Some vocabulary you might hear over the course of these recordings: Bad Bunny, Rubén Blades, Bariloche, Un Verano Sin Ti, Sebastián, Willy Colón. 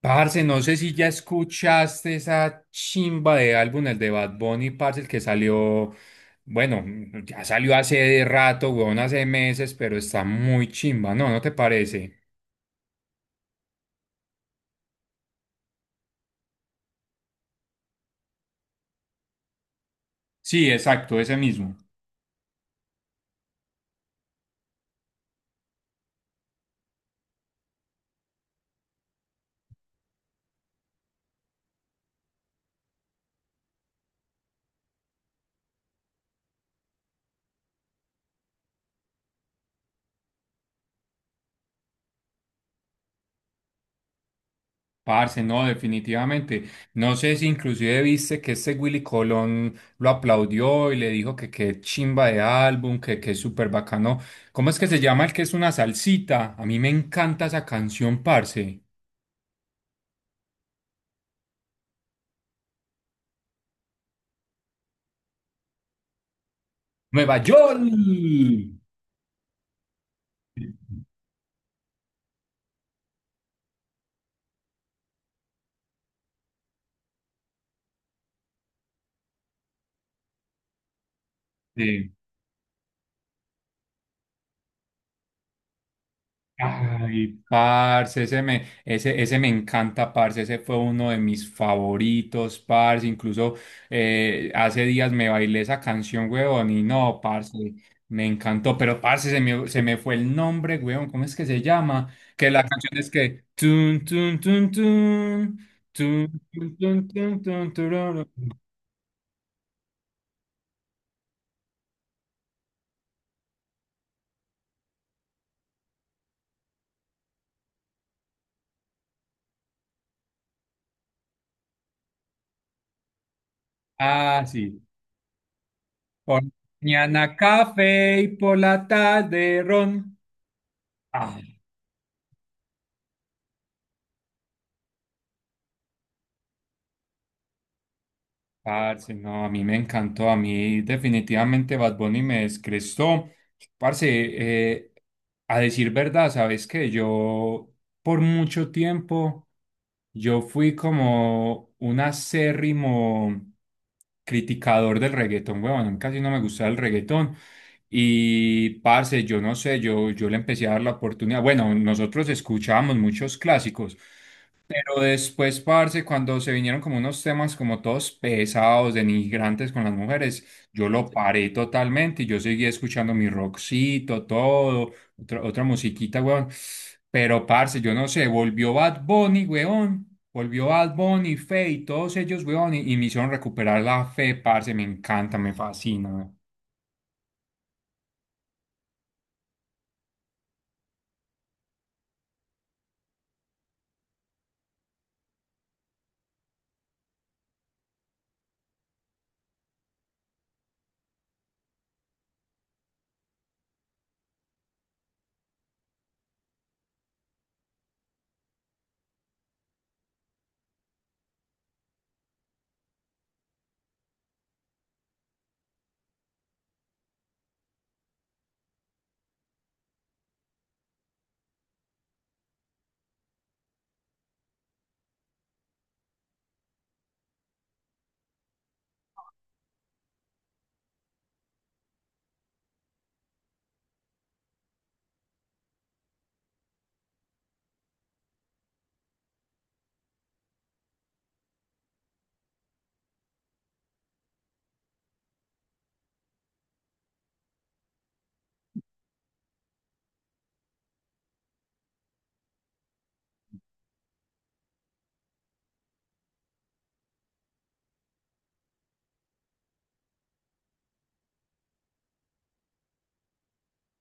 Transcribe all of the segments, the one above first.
Parce, no sé si ya escuchaste esa chimba de álbum, el de Bad Bunny, parce, el que salió, bueno, ya salió hace rato, weón, hace meses, pero está muy chimba, ¿no? ¿No te parece? Sí, exacto, ese mismo. Parce, no, definitivamente. No sé si inclusive viste que este Willy Colón lo aplaudió y le dijo que qué chimba de álbum, que qué súper bacano. ¿Cómo es que se llama el que es una salsita? A mí me encanta esa canción, parce. Nueva York. Sí. Ay, parce, ese me encanta, parce, ese fue uno de mis favoritos, parce, incluso hace días me bailé esa canción, weón, y no, parce, me encantó, pero parce, se me fue el nombre, weón, ¿cómo es que se llama? Que la canción es que tun, tun, tun, tun, tun, tun, tun, tun, tun, tururu. Ah, sí, por mañana café y por la tarde ron. Ah, parce, no, a mí me encantó, a mí definitivamente Bad Bunny me descrestó. Parce, eh, a decir verdad, sabes que yo por mucho tiempo, yo fui como un acérrimo criticador del reggaetón, weón, casi no me gustaba el reggaetón. Y parce, yo no sé, yo le empecé a dar la oportunidad. Bueno, nosotros escuchábamos muchos clásicos. Pero después, parce, cuando se vinieron como unos temas como todos pesados, denigrantes con las mujeres, yo lo paré totalmente y yo seguí escuchando mi rockcito, todo, otra musiquita, weón. Pero, parce, yo no sé, volvió Bad Bunny, weón. Volvió Bad Bunny, Feid, todos ellos, weón, y me hicieron recuperar la fe, parce, me encanta, me fascina, weón.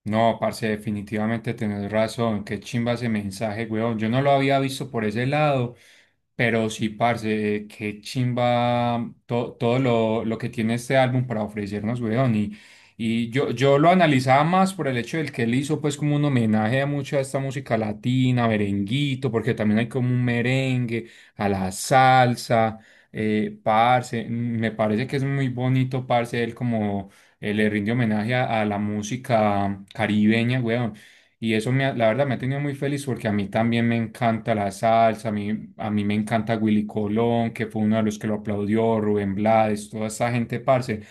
No, parce, definitivamente tenés razón. Qué chimba ese mensaje, weón. Yo no lo había visto por ese lado, pero sí, parce, qué chimba to- todo lo que tiene este álbum para ofrecernos, weón. Y, y, yo lo analizaba más por el hecho del que él hizo, pues, como un homenaje a mucha de esta música latina, merenguito, porque también hay como un merengue, a la salsa, parce. Me parece que es muy bonito, parce, él como le rinde homenaje a la música caribeña, weón. Y eso me ha- la verdad me ha tenido muy feliz porque a mí también me encanta la salsa, a mí me encanta Willy Colón, que fue uno de los que lo aplaudió, Rubén Blades, toda esa gente, parce.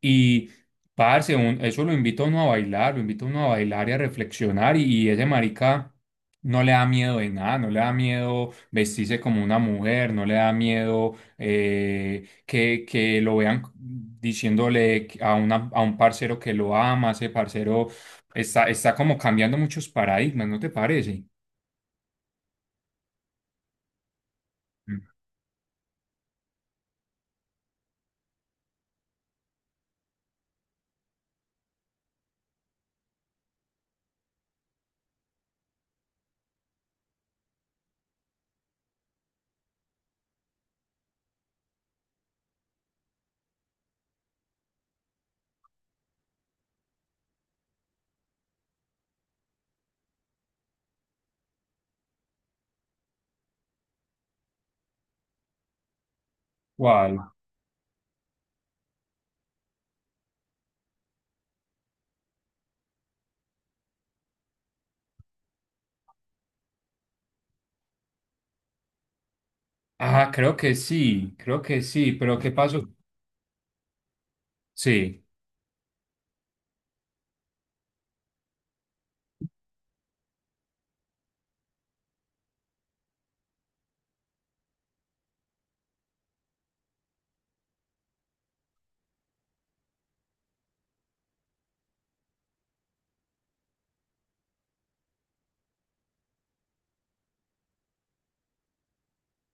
Y, parce, un- eso lo invito a uno a bailar, lo invito a uno a bailar y a reflexionar y ese marica no le da miedo de nada, no le da miedo vestirse como una mujer, no le da miedo que lo vean diciéndole a, una, a un parcero que lo ama, ese parcero está, está como cambiando muchos paradigmas, ¿no te parece? ¿Cuál? Ah, creo que sí, pero ¿qué pasó? Sí,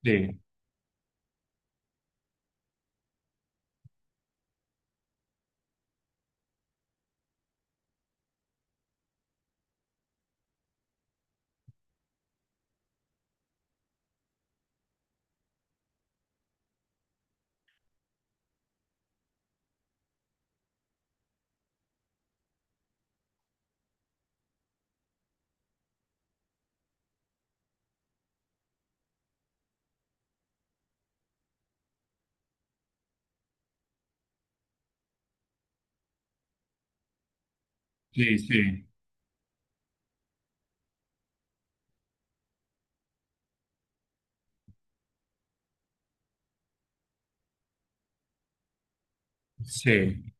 sí, sí, sí, sí.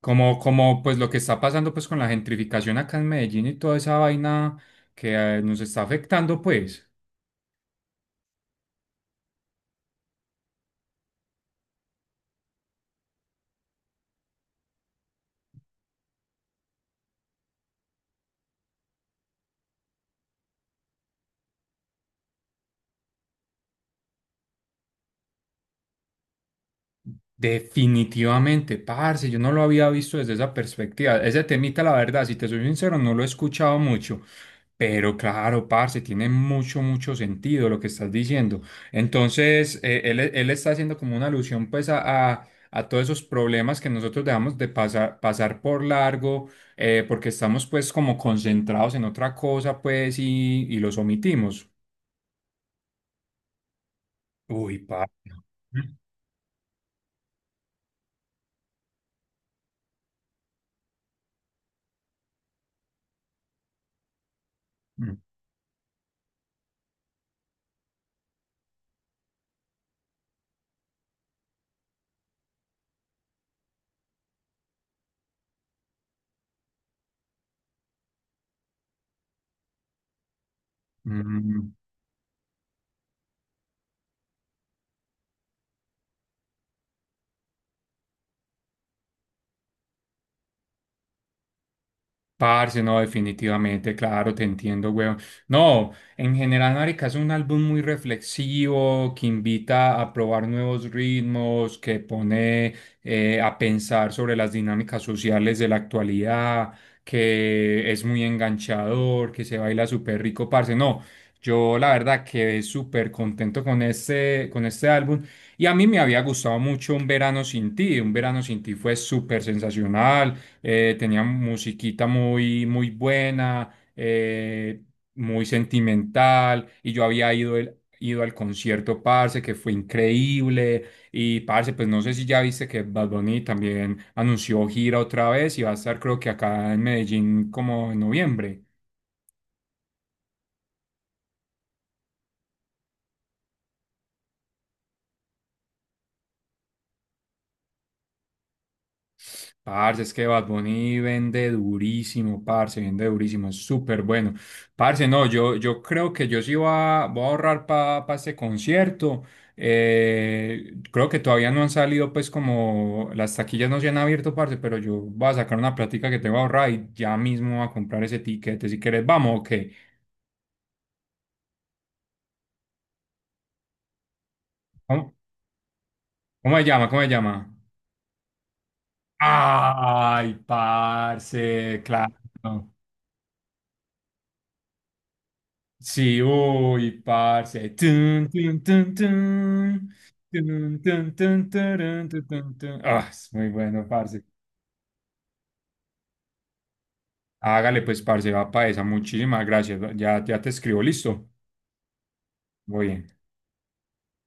Como, como pues lo que está pasando pues con la gentrificación acá en Medellín y toda esa vaina que nos está afectando, pues. Definitivamente, parce, yo no lo había visto desde esa perspectiva. Ese temita, la verdad, si te soy sincero, no lo he escuchado mucho. Pero claro, parce, tiene mucho, mucho sentido lo que estás diciendo. Entonces, él, él está haciendo como una alusión pues a todos esos problemas que nosotros dejamos de pasar, pasar por largo, porque estamos pues como concentrados en otra cosa pues y los omitimos. Uy, parce. Mm, mm, mm. Parce, no, definitivamente, claro, te entiendo, weón. No, en general, marica, es un álbum muy reflexivo, que invita a probar nuevos ritmos, que pone a pensar sobre las dinámicas sociales de la actualidad, que es muy enganchador, que se baila súper rico, parce. No, yo la verdad quedé súper contento con este álbum. Y a mí me había gustado mucho Un Verano Sin Ti. Un Verano Sin Ti fue súper sensacional, tenía musiquita muy, muy buena, muy sentimental, y yo había ido, el- ido al concierto, parce, que fue increíble, y parce, pues no sé si ya viste que Bad Bunny también anunció gira otra vez y va a estar creo que acá en Medellín como en noviembre. Parce, es que Bad Bunny vende durísimo, parce, vende durísimo, es súper bueno. Parce, no, yo creo que yo sí voy a ahorrar para este concierto. Creo que todavía no han salido, pues, como las taquillas no se han abierto, parce, pero yo voy a sacar una plática que tengo ahorrada y ya mismo voy a comprar ese tiquete. Si querés, vamos, ok. ¿Cómo, cómo se llama? ¿Cómo se llama? Ay, parce, claro. Sí, uy, parce. Ahí, tun, tun, tun, tun, tun, tun, tun, tarun, tun, tun, tun. Ah, es muy bueno, parce. Hágale, pues, parce, va para esa. Muchísimas gracias. Ya, ya te escribo, listo. Muy bien.